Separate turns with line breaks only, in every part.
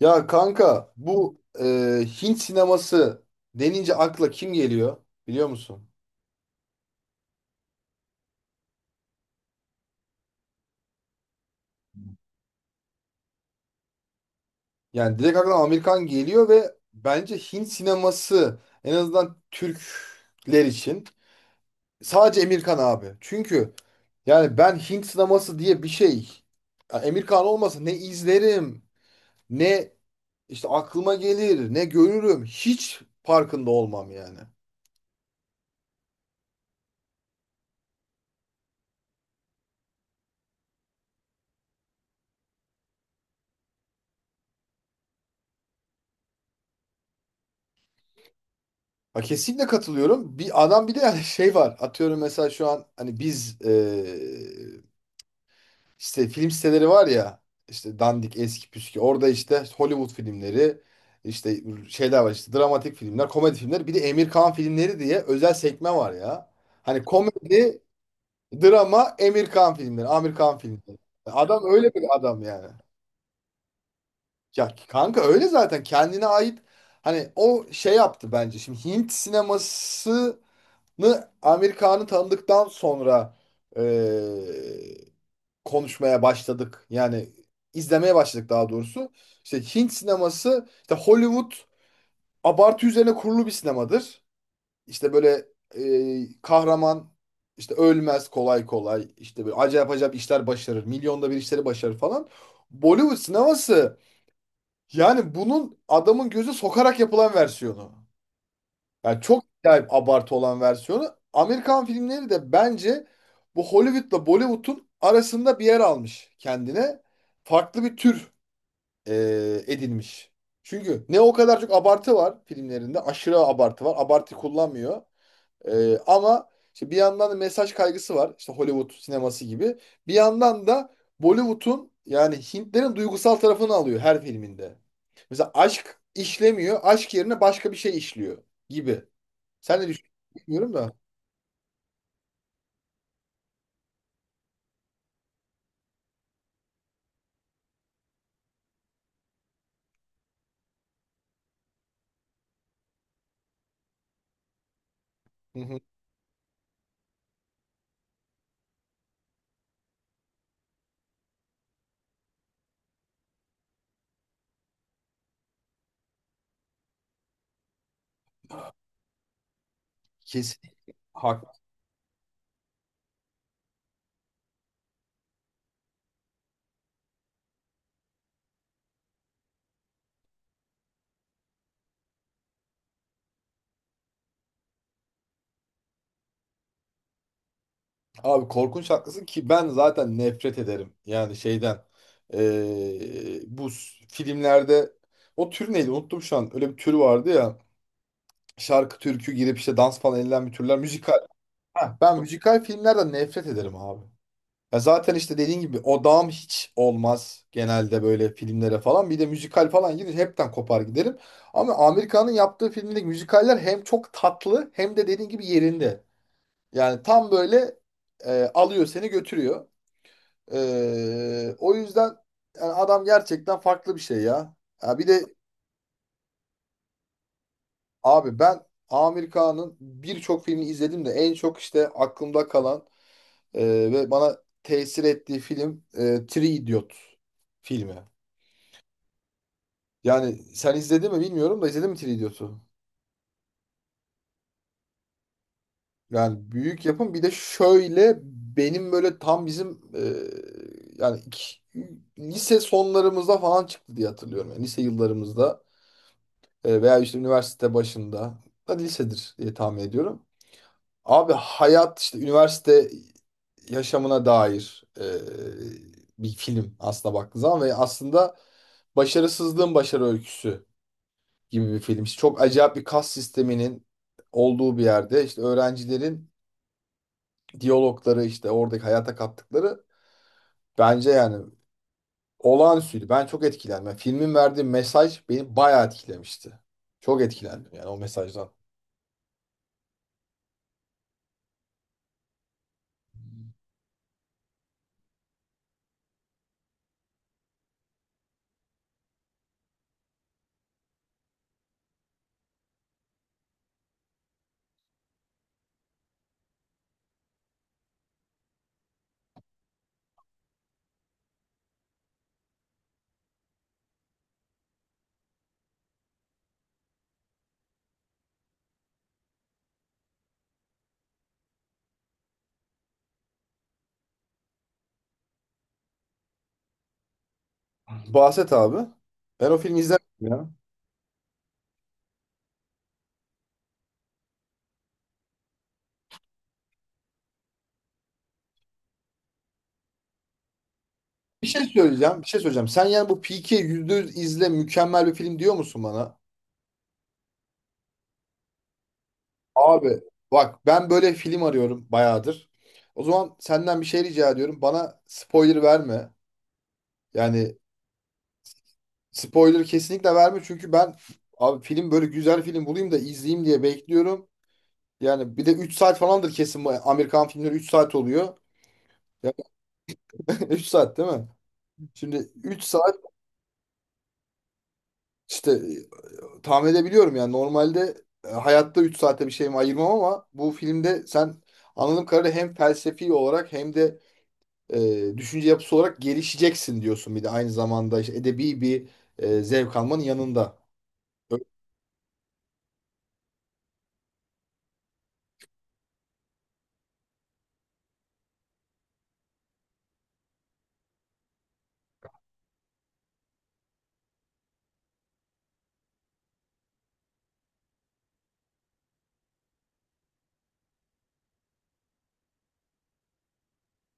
Ya kanka bu Hint sineması denince akla kim geliyor, biliyor musun? Yani direkt akla Amerikan geliyor ve bence Hint sineması en azından Türkler için sadece Emirkan abi. Çünkü yani ben Hint sineması diye bir şey, ya Emirkan olmasa ne izlerim, ne işte aklıma gelir, ne görürüm, hiç farkında olmam yani. Ha, kesinlikle katılıyorum. Bir adam, bir de yani şey var. Atıyorum mesela şu an hani biz işte film siteleri var ya, işte dandik eski püskü, orada işte Hollywood filmleri işte şeyler var, işte dramatik filmler, komedi filmler, bir de Emir Kağan filmleri diye özel sekme var ya. Hani komedi, drama, Emir Kağan filmleri, Amir Kağan filmleri. Adam öyle bir adam yani. Ya kanka öyle zaten, kendine ait hani o şey yaptı bence. Şimdi Hint sineması Amerikan'ı tanıdıktan sonra eee, konuşmaya başladık. Yani izlemeye başladık daha doğrusu. İşte Hint sineması, işte Hollywood abartı üzerine kurulu bir sinemadır. İşte böyle kahraman işte ölmez kolay kolay. İşte böyle acayip acayip işler başarır. Milyonda bir işleri başarır falan. Bollywood sineması yani bunun adamın gözü sokarak yapılan versiyonu. Yani çok acayip abartı olan versiyonu. Amerikan filmleri de bence bu Hollywood'la Bollywood'un arasında bir yer almış kendine. Farklı bir tür edinmiş. Çünkü ne o kadar çok abartı var filmlerinde. Aşırı abartı var. Abartı kullanmıyor. Ama işte bir yandan da mesaj kaygısı var. İşte Hollywood sineması gibi. Bir yandan da Bollywood'un yani Hintlerin duygusal tarafını alıyor her filminde. Mesela aşk işlemiyor. Aşk yerine başka bir şey işliyor gibi. Sen ne düşünüyorsun bilmiyorum da. Hı hı. Kesin hak. Abi korkunç haklısın ki ben zaten nefret ederim. Yani şeyden. Bu filmlerde o tür neydi? Unuttum şu an. Öyle bir tür vardı ya. Şarkı, türkü girip işte dans falan edilen bir türler. Müzikal. Ha, ben müzikal filmlerden nefret ederim abi. Ya zaten işte dediğin gibi odağım hiç olmaz genelde böyle filmlere falan. Bir de müzikal falan girince hepten kopar giderim. Ama Amerika'nın yaptığı filmdeki müzikaller hem çok tatlı hem de dediğin gibi yerinde. Yani tam böyle alıyor seni götürüyor. O yüzden yani adam gerçekten farklı bir şey ya. Ya bir de abi ben Amir Kağan'ın birçok filmini izledim de en çok işte aklımda kalan e, ve bana tesir ettiği film Three Idiot filmi. Yani sen izledin mi bilmiyorum da, izledin mi Three Idiot'u? Yani büyük yapım, bir de şöyle benim böyle tam bizim yani lise sonlarımızda falan çıktı diye hatırlıyorum. Yani lise yıllarımızda veya işte üniversite başında, hadi lisedir diye tahmin ediyorum. Abi hayat işte üniversite yaşamına dair bir film aslında baktığın zaman, ve aslında başarısızlığın başarı öyküsü gibi bir film. İşte çok acayip bir kas sisteminin olduğu bir yerde işte öğrencilerin diyalogları, işte oradaki hayata kattıkları bence yani olağanüstüydü. Ben çok etkilendim. Yani filmin verdiği mesaj beni bayağı etkilemişti. Çok etkilendim yani o mesajdan. Bahset abi. Ben o filmi izlemedim ya. Bir şey söyleyeceğim, bir şey söyleyeceğim. Sen yani bu Peaky yüz izle, mükemmel bir film diyor musun bana? Abi bak, ben böyle film arıyorum bayağıdır. O zaman senden bir şey rica ediyorum. Bana spoiler verme. Yani spoiler kesinlikle verme çünkü ben abi film, böyle güzel film bulayım da izleyeyim diye bekliyorum. Yani bir de 3 saat falandır kesin, bu Amerikan filmleri 3 saat oluyor. Ya 3 saat değil mi? Şimdi 3 saat işte tahmin edebiliyorum yani, normalde hayatta 3 saate bir şeyimi ayırmam, ama bu filmde sen anladığım kadarıyla hem felsefi olarak hem de düşünce yapısı olarak gelişeceksin diyorsun, bir de aynı zamanda işte edebi bir zevk almanın yanında.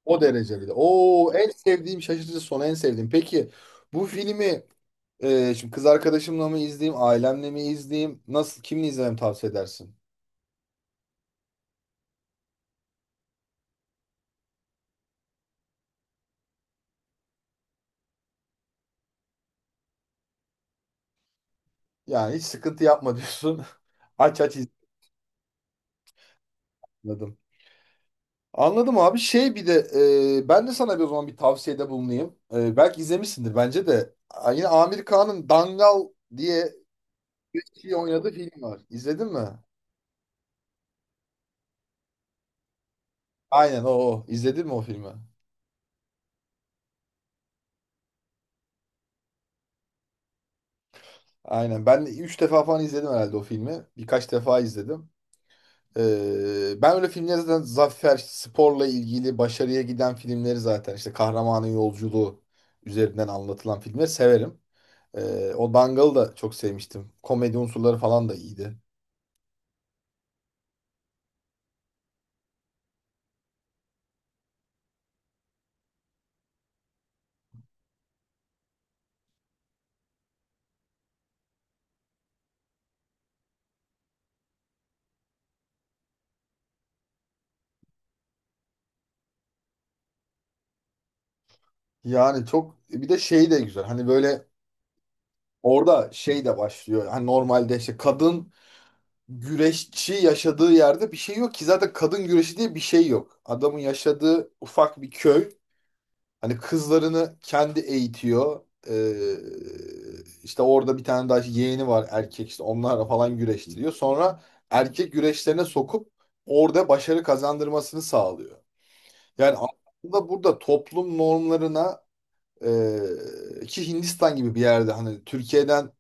O derecede. Oo, en sevdiğim şaşırtıcı son, en sevdiğim. Peki bu filmi şimdi kız arkadaşımla mı izleyeyim, ailemle mi izleyeyim, nasıl, kimle izlememi tavsiye edersin? Yani hiç sıkıntı yapma diyorsun. Aç aç izledim. Anladım abi. Şey, bir de ben de sana bir, o zaman bir tavsiyede bulunayım. Belki izlemişsindir bence de. Yine Amir Kağan'ın Dangal diye bir şey oynadığı film var. İzledin mi? Aynen o. İzledin mi o filmi? Aynen. Ben 3 defa falan izledim herhalde o filmi. Birkaç defa izledim. Ben öyle filmleri zaten, zafer, sporla ilgili başarıya giden filmleri, zaten işte kahramanın yolculuğu üzerinden anlatılan filmleri severim. O Dangal'ı da çok sevmiştim. Komedi unsurları falan da iyiydi. Yani çok, bir de şey de güzel. Hani böyle orada şey de başlıyor. Hani normalde işte kadın güreşçi, yaşadığı yerde bir şey yok ki, zaten kadın güreşi diye bir şey yok. Adamın yaşadığı ufak bir köy. Hani kızlarını kendi eğitiyor. İşte orada bir tane daha işte yeğeni var erkek, işte onlarla falan güreştiriyor. Sonra erkek güreşlerine sokup orada başarı kazandırmasını sağlıyor. Yani aslında burada toplum normlarına ki Hindistan gibi bir yerde, hani Türkiye'den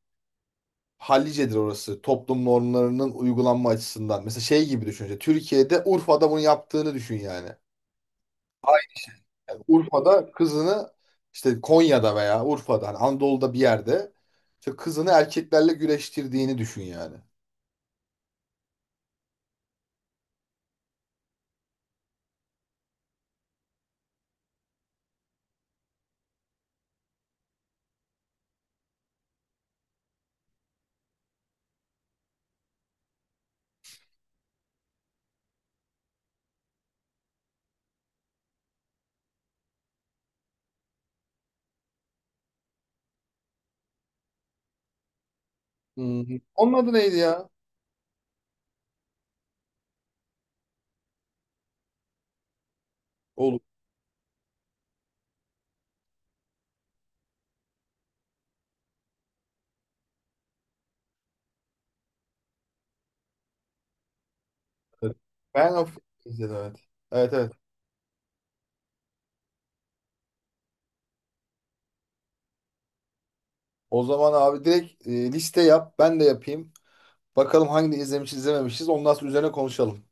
hallicedir orası toplum normlarının uygulanma açısından. Mesela şey gibi düşün. İşte Türkiye'de Urfa'da bunu yaptığını düşün yani. Urfa'da kızını, işte Konya'da veya Urfa'da, hani Anadolu'da bir yerde işte kızını erkeklerle güreştirdiğini düşün yani. Hmm. Onun adı neydi ya? Oğlum. Evet. Ben of izledim, evet. Evet, evet. O zaman abi direkt liste yap. Ben de yapayım. Bakalım hangi izlemişiz, izlememişiz. Ondan sonra üzerine konuşalım.